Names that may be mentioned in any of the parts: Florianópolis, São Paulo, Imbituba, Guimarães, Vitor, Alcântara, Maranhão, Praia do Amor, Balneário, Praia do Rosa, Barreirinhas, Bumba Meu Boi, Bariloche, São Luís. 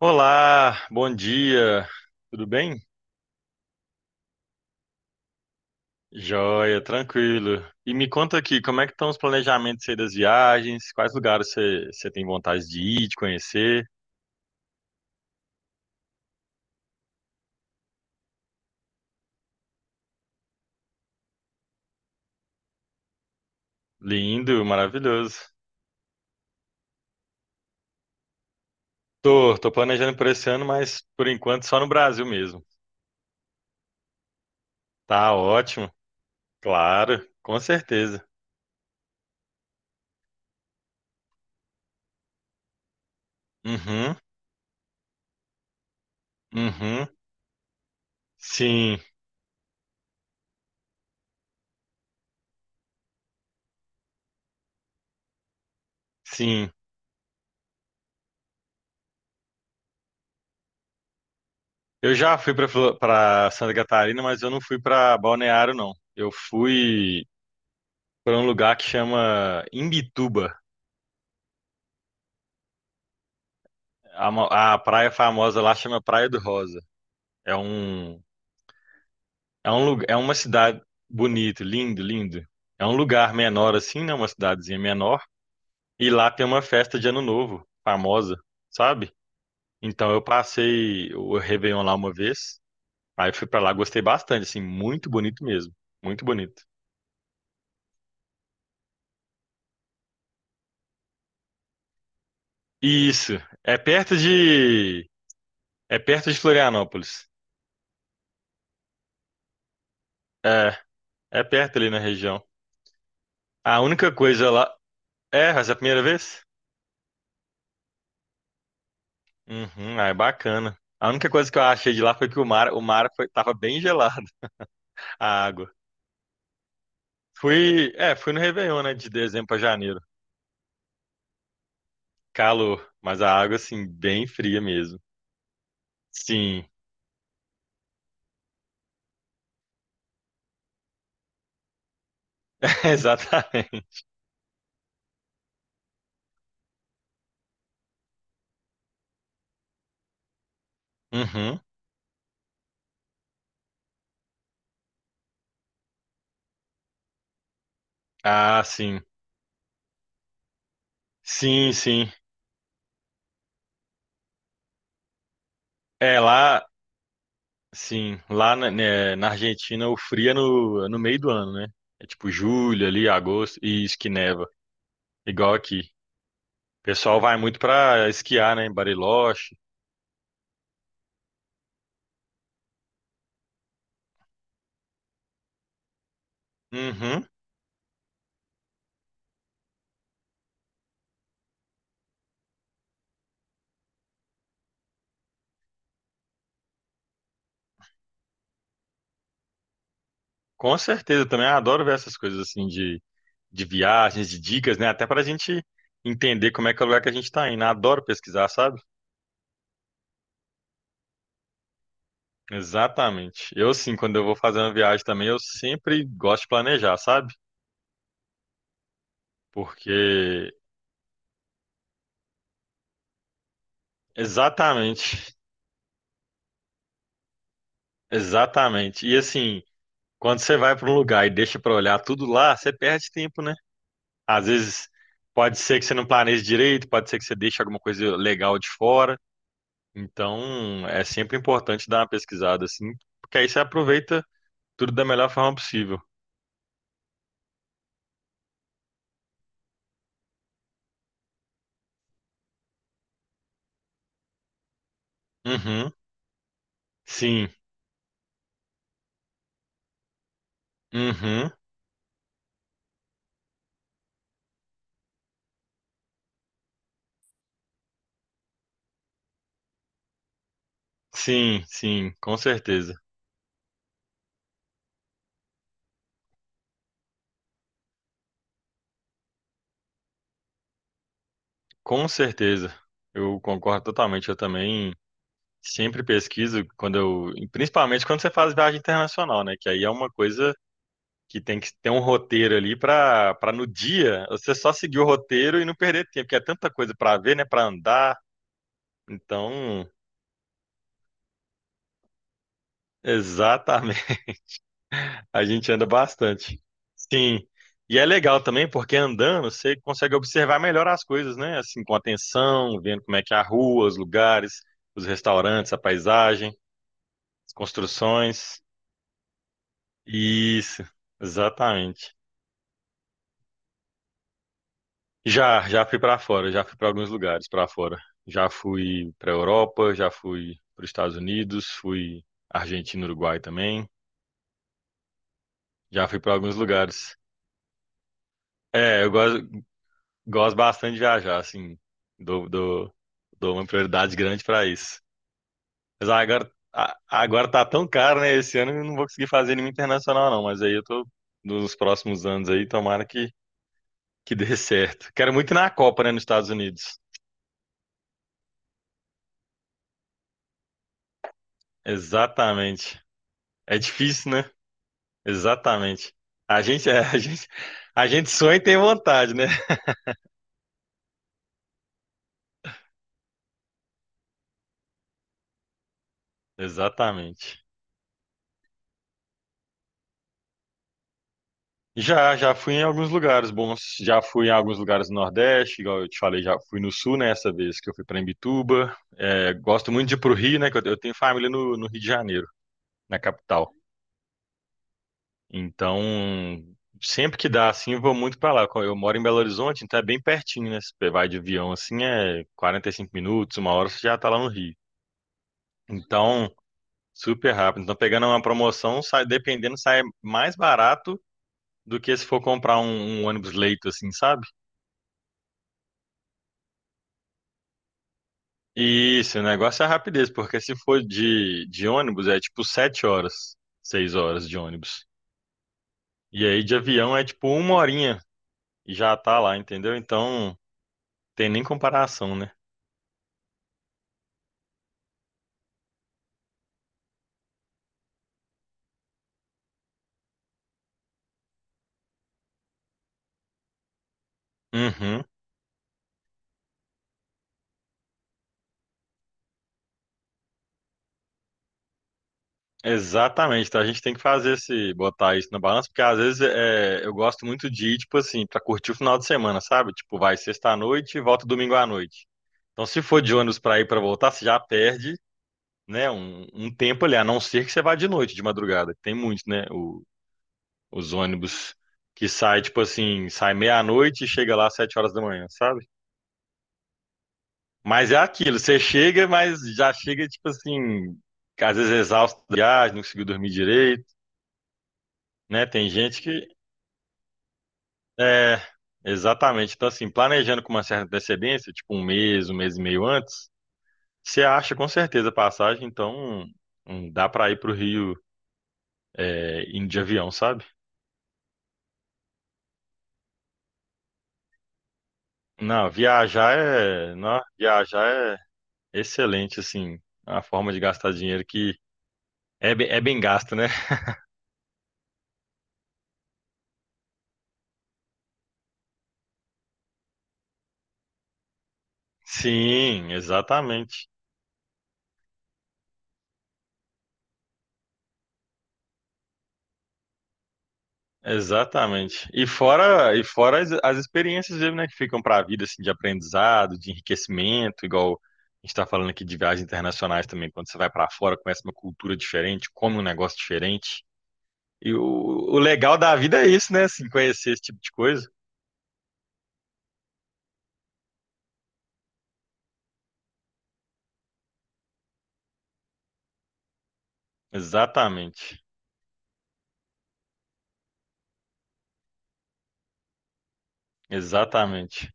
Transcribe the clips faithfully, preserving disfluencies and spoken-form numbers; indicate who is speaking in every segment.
Speaker 1: Olá, bom dia, tudo bem? Joia, tranquilo. E me conta aqui, como é que estão os planejamentos aí das viagens? Quais lugares você você tem vontade de ir, de conhecer? Lindo, maravilhoso. Tô, tô planejando por esse ano, mas por enquanto só no Brasil mesmo. Tá ótimo, claro, com certeza. Uhum, uhum. Sim, sim. Eu já fui para para Santa Catarina, mas eu não fui para Balneário, não. Eu fui para um lugar que chama Imbituba. A, mo- a praia famosa lá chama Praia do Rosa. É um, é um lugar, É uma cidade bonita, lindo, lindo. É um lugar menor assim, né? Uma cidadezinha menor. E lá tem uma festa de Ano Novo, famosa, sabe? Então eu passei o Réveillon lá uma vez. Aí fui pra lá, gostei bastante, assim, muito bonito mesmo. Muito bonito. Isso, é perto de, é perto de Florianópolis. É, é perto ali na região. A única coisa lá, é, essa é a primeira vez? Uhum, ah, é bacana. A única coisa que eu achei de lá foi que o mar, o mar foi, tava bem gelado, a água. Fui, é, fui no Réveillon, né, de dezembro pra janeiro. Calor, mas a água, assim, bem fria mesmo. Sim, exatamente. Uhum. Ah, sim. Sim, sim. É, lá, sim, lá na, né, na Argentina o frio é no, é no meio do ano, né? É tipo julho ali, agosto, e isso que neva, igual aqui. O pessoal vai muito pra esquiar, né, em Bariloche, uhum, com certeza, eu também adoro ver essas coisas assim de, de viagens, de dicas, né? Até para a gente entender como é que é o lugar que a gente está indo. Adoro pesquisar, sabe? Exatamente. Eu sim, quando eu vou fazer uma viagem também, eu sempre gosto de planejar, sabe? Porque exatamente, exatamente. E assim, quando você vai para um lugar e deixa para olhar tudo lá, você perde tempo, né? Às vezes pode ser que você não planeje direito, pode ser que você deixe alguma coisa legal de fora. Então, é sempre importante dar uma pesquisada assim, porque aí você aproveita tudo da melhor forma possível. Uhum. Sim. Uhum. Sim, sim, com certeza. Com certeza. Eu concordo totalmente. Eu também sempre pesquiso quando eu, principalmente quando você faz viagem internacional, né? Que aí é uma coisa que tem que ter um roteiro ali para para no dia você só seguir o roteiro e não perder tempo, porque é tanta coisa para ver, né? Para andar. Então, exatamente. A gente anda bastante. Sim. E é legal também porque andando você consegue observar melhor as coisas, né? Assim, com atenção, vendo como é que é a rua, os lugares, os restaurantes, a paisagem, as construções. Isso, exatamente. Já, já fui para fora, já fui para alguns lugares para fora. Já fui para Europa, já fui para os Estados Unidos, fui Argentina, Uruguai também. Já fui para alguns lugares. É, eu gosto, gosto bastante de viajar, assim. Dou, dou, dou uma prioridade grande pra isso. Mas agora, a- agora tá tão caro, né? Esse ano eu não vou conseguir fazer nenhum internacional, não. Mas aí eu tô nos próximos anos aí, tomara que, que, dê certo. Quero muito ir na Copa, né, nos Estados Unidos. Exatamente. É difícil, né? Exatamente. A gente, é, a gente, a gente sonha e tem vontade, né? Exatamente. Já, já fui em alguns lugares bons. Já fui em alguns lugares do Nordeste, igual eu te falei, já fui no Sul, né, essa vez que eu fui para Imbituba. É, gosto muito de ir pro Rio, né, que eu, eu tenho família no, no Rio de Janeiro, na capital. Então, sempre que dá, assim, eu vou muito para lá. Eu moro em Belo Horizonte, então é bem pertinho, né? Se você vai de avião, assim, é quarenta e cinco minutos, uma hora você já tá lá no Rio. Então, super rápido. Então, pegando uma promoção, sai, dependendo, sai mais barato do que se for comprar um, um ônibus leito, assim, sabe? Isso, o negócio é a rapidez, porque se for de, de ônibus é tipo sete horas, seis horas de ônibus. E aí de avião é tipo uma horinha e já tá lá, entendeu? Então tem nem comparação, né? Uhum, exatamente. Então a gente tem que fazer esse, botar isso na balança, porque às vezes é, eu gosto muito de ir, tipo assim, pra curtir o final de semana, sabe? Tipo, vai sexta à noite e volta domingo à noite. Então se for de ônibus pra ir e pra voltar, você já perde. Né, um, um tempo ali, a não ser que você vá de noite, de madrugada, que tem muito, né? O, Os ônibus que sai, tipo assim, sai meia-noite e chega lá às sete horas da manhã, sabe? Mas é aquilo, você chega, mas já chega, tipo assim, às vezes exausto da viagem, não conseguiu dormir direito, né? Tem gente que. É, exatamente. Então, assim, planejando com uma certa antecedência, tipo um mês, um mês e meio antes, você acha com certeza a passagem, então hum, dá pra ir pro Rio é, indo de avião, sabe? Não, viajar é. Não, viajar é excelente, assim, a forma de gastar dinheiro que é, be- é bem gasto, né? Sim, exatamente. Exatamente. E fora, e fora as, as experiências mesmo, né, que ficam para a vida, assim, de aprendizado, de enriquecimento, igual a gente está falando aqui de viagens internacionais também, quando você vai para fora, conhece uma cultura diferente, come um negócio diferente. E o, o legal da vida é isso, né, assim, conhecer esse tipo de coisa. Exatamente. Exatamente.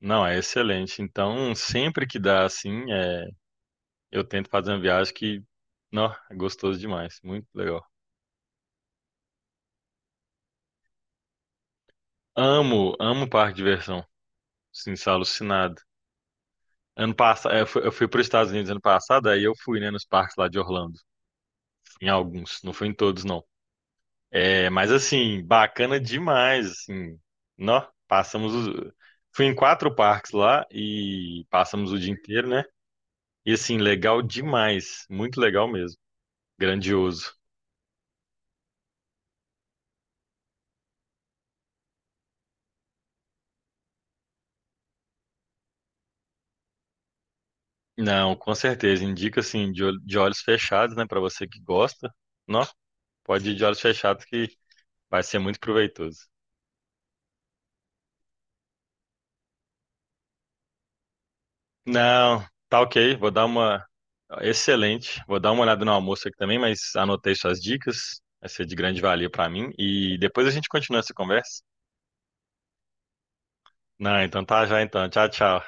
Speaker 1: Não, é excelente. Então, sempre que dá, assim, é eu tento fazer uma viagem que, não, é gostoso demais, muito legal. Amo, amo parque de diversão, sim, sou alucinado. Ano passado, eu fui, eu fui para os Estados Unidos ano passado, aí eu fui, né, nos parques lá de Orlando, em alguns, não fui em todos, não. É, mas assim, bacana demais, assim, nó, passamos, os- fui em quatro parques lá e passamos o dia inteiro, né? E assim, legal demais, muito legal mesmo, grandioso. Não, com certeza. Indica assim de, ol- de olhos fechados, né, para você que gosta. Não, pode ir de olhos fechados que vai ser muito proveitoso. Não, tá ok. Vou dar uma Excelente. Vou dar uma olhada no almoço aqui também, mas anotei suas dicas. Vai ser de grande valia para mim e depois a gente continua essa conversa. Não, então tá já então. Tchau, tchau.